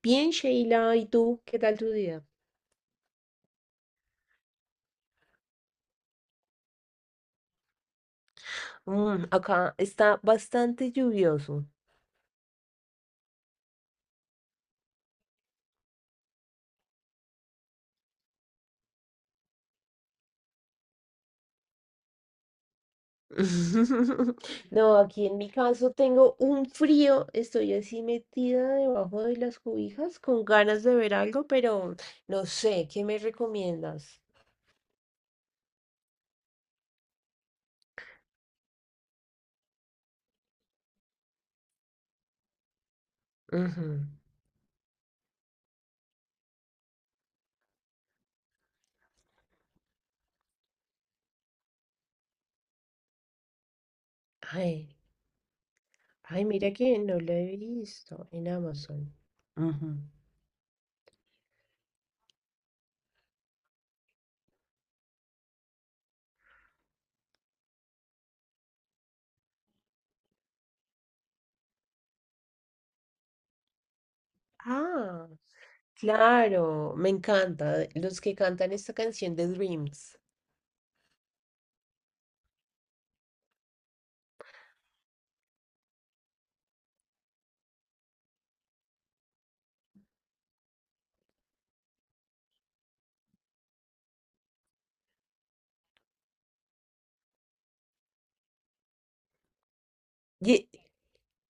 Bien, Sheila, ¿y tú? ¿Qué tal tu día? Acá está bastante lluvioso. No, aquí en mi caso tengo un frío, estoy así metida debajo de las cobijas con ganas de ver algo, pero no sé, ¿qué me recomiendas? Ujú. Ay, ay, mira que no lo he visto en Amazon. Ujú. Ah, claro, me encanta, los que cantan esta canción de Dreams.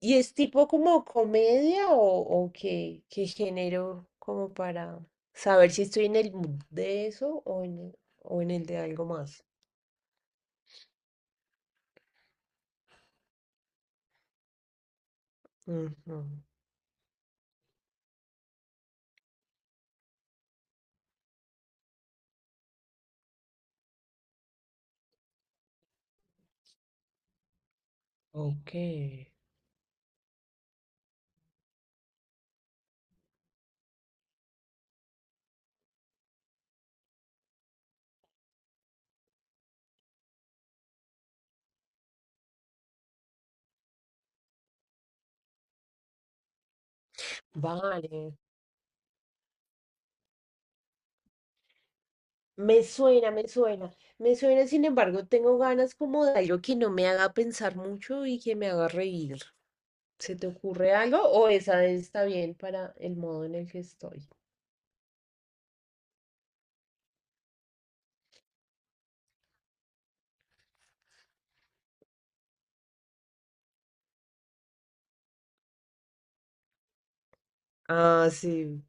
¿Y es tipo como comedia o qué, qué género como para saber si estoy en el mood de eso o en el de algo más? Ujú. Ok, vale. Me suena. Me suena, sin embargo, tengo ganas como de algo que no me haga pensar mucho y que me haga reír. ¿Se te ocurre algo o esa está bien para el modo en el que estoy? Ah, sí.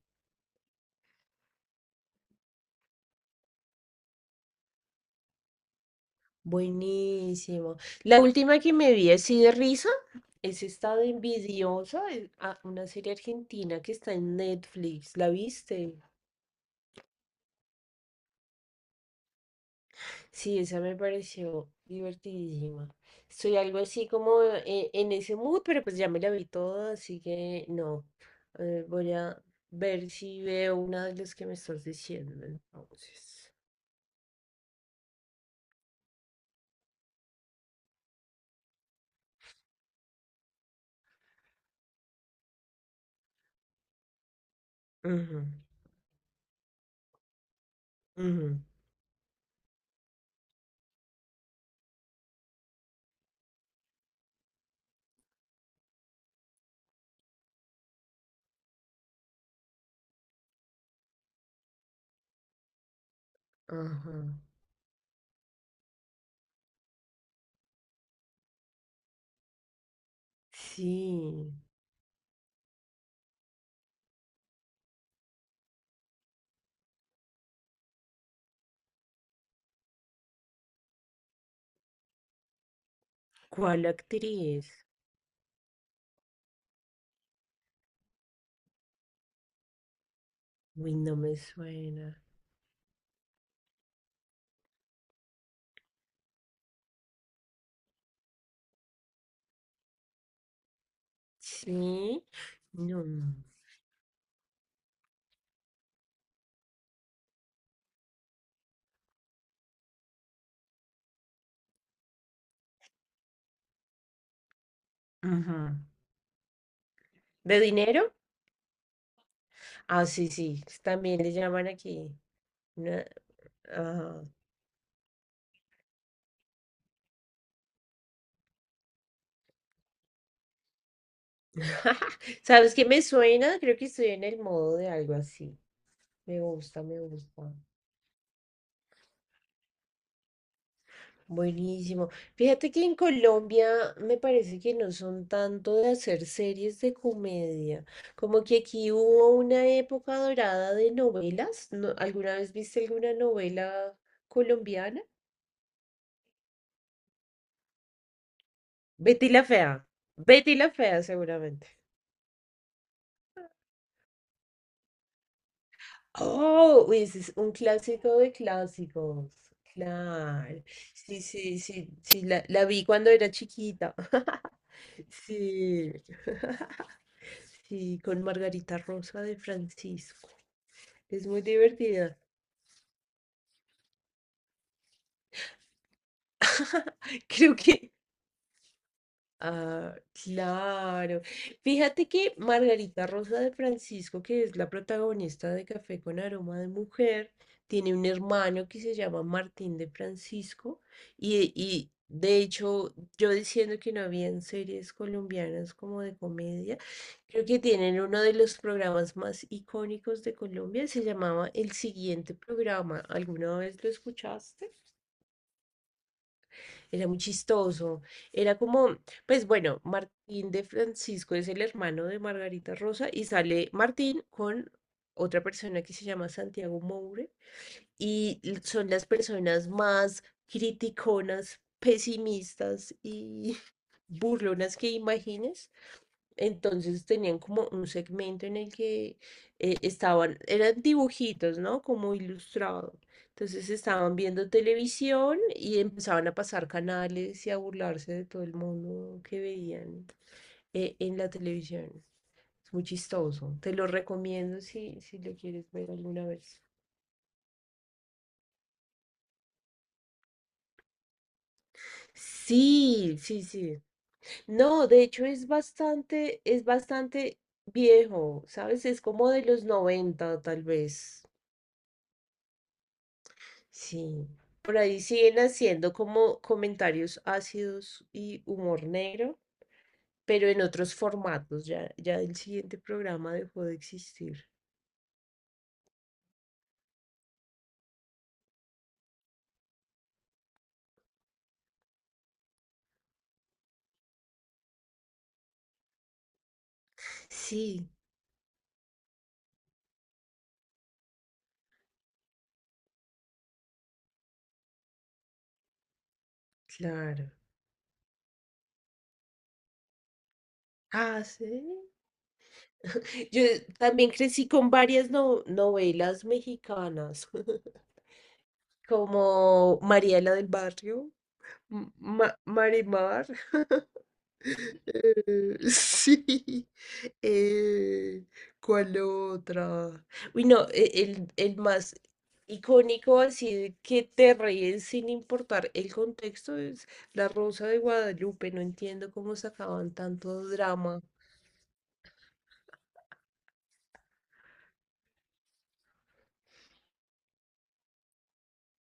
Buenísimo. La última que me vi así de risa es esta de Envidiosa, ah, una serie argentina que está en Netflix. ¿La viste? Sí, esa me pareció divertidísima. Estoy algo así como en ese mood, pero pues ya me la vi toda, así que no. Voy a ver si veo una de las que me estás diciendo, entonces. Ujú, ujú, ajá. Sí. ¿Cuál actriz? Uy, no me suena. Sí, no. Ajá. ¿De dinero? Ah, sí, sí. También le llaman aquí. Una. Ajá. ¿Sabes qué me suena? Creo que estoy en el modo de algo así. Me gusta. Buenísimo. Fíjate que en Colombia me parece que no son tanto de hacer series de comedia, como que aquí hubo una época dorada de novelas. ¿Alguna vez viste alguna novela colombiana? Betty la Fea. Betty la Fea, seguramente. Oh, uy, ese es un clásico de clásicos. Claro. Sí, la vi cuando era chiquita. Sí. Sí, con Margarita Rosa de Francisco. Es muy divertida. Creo que... Ah, claro. Fíjate que Margarita Rosa de Francisco, que es la protagonista de Café con Aroma de Mujer, tiene un hermano que se llama Martín de Francisco y de hecho yo diciendo que no habían series colombianas como de comedia, creo que tienen uno de los programas más icónicos de Colombia, se llamaba El Siguiente Programa. ¿Alguna vez lo escuchaste? Era muy chistoso. Era como, pues bueno, Martín de Francisco es el hermano de Margarita Rosa y sale Martín con otra persona que se llama Santiago Moure y son las personas más criticonas, pesimistas y burlonas que imagines. Entonces tenían como un segmento en el que estaban, eran dibujitos, ¿no? Como ilustrado. Entonces estaban viendo televisión y empezaban a pasar canales y a burlarse de todo el mundo que veían en la televisión. Es muy chistoso. Te lo recomiendo si, si lo quieres ver alguna vez. Sí, sí, sí. No, de hecho es bastante viejo, ¿sabes? Es como de los 90 tal vez. Sí, por ahí siguen haciendo como comentarios ácidos y humor negro, pero en otros formatos. Ya, el siguiente programa dejó de existir. Sí, claro. Ah, sí. Yo también crecí con varias novelas mexicanas, como Mariela del Barrio, Marimar. Eh, sí. Eh, ¿Cuál otra? Uy, no, el más icónico, así de que te ríes sin importar el contexto, es La Rosa de Guadalupe. No entiendo cómo sacaban tanto drama.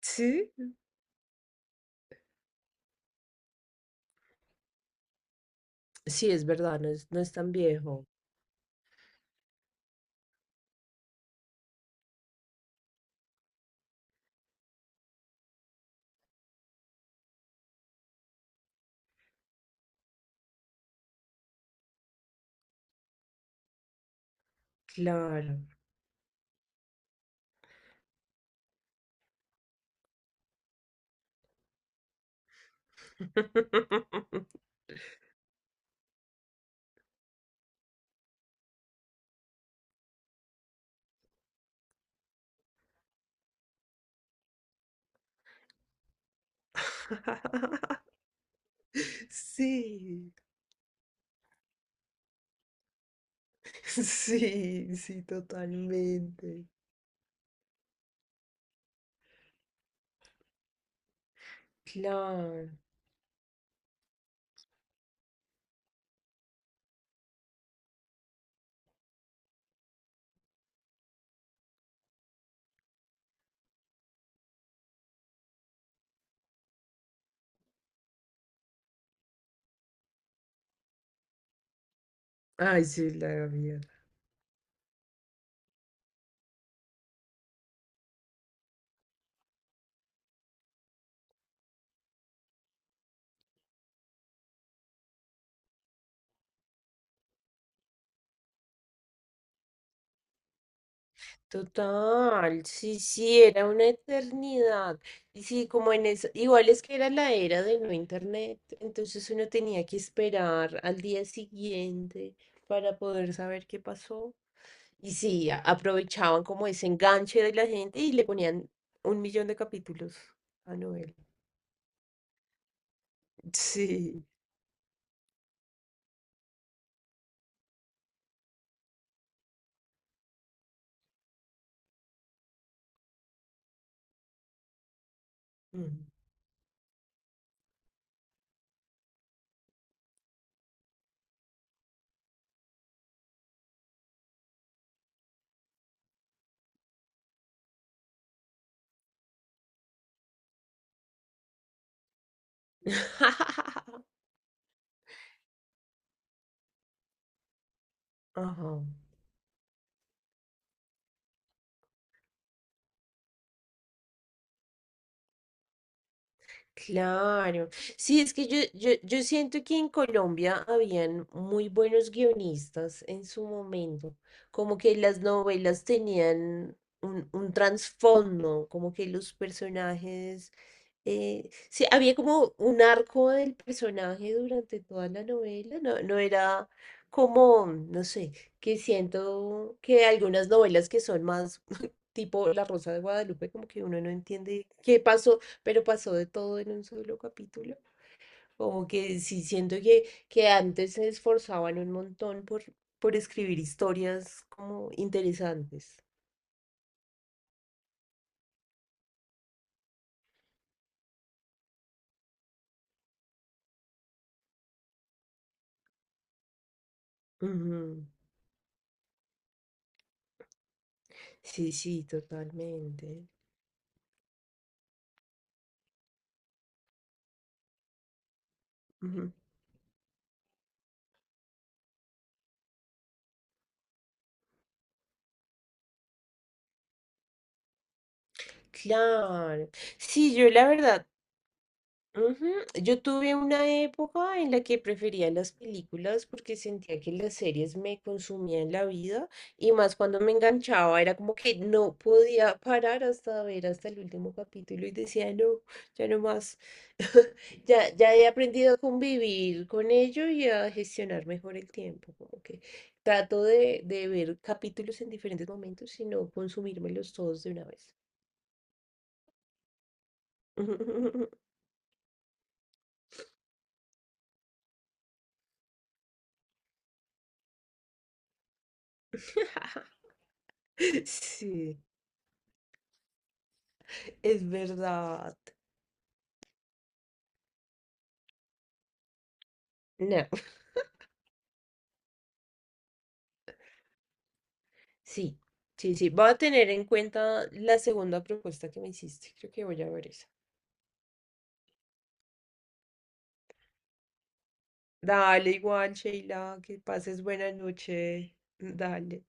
Sí, sí, es verdad, no es, no es tan viejo. Claro. Sí, sí, totalmente. Claro. Ay, sí, la vida. Total, sí, sí, era una eternidad. Y sí, como en eso, igual es que era la era de no internet, entonces uno tenía que esperar al día siguiente para poder saber qué pasó. Y sí, aprovechaban como ese enganche de la gente y le ponían un millón de capítulos a novela. Sí. Mm. Ajá. Claro. Sí, es que yo siento que en Colombia habían muy buenos guionistas en su momento, como que las novelas tenían un trasfondo, como que los personajes, sí, había como un arco del personaje durante toda la novela, no, no era como, no sé, que siento que algunas novelas que son más tipo La Rosa de Guadalupe, como que uno no entiende qué pasó, pero pasó de todo en un solo capítulo. Como que sí, siento que antes se esforzaban un montón por escribir historias como interesantes. Ujú. Sí, sí, totalmente. Ujú. Claro. Sí, yo la verdad... Ujú. Yo tuve una época en la que prefería las películas porque sentía que las series me consumían la vida y más cuando me enganchaba, era como que no podía parar hasta ver hasta el último capítulo y decía, no, ya no más. Ya he aprendido a convivir con ello y a gestionar mejor el tiempo, como que trato de ver capítulos en diferentes momentos y no consumírmelos todos de una vez. Sí. Es verdad. No, sí, sí, sí. Voy a tener en cuenta la segunda propuesta que me hiciste. Creo que voy a ver esa. Dale, igual, Sheila, que pases buena noche. Dale.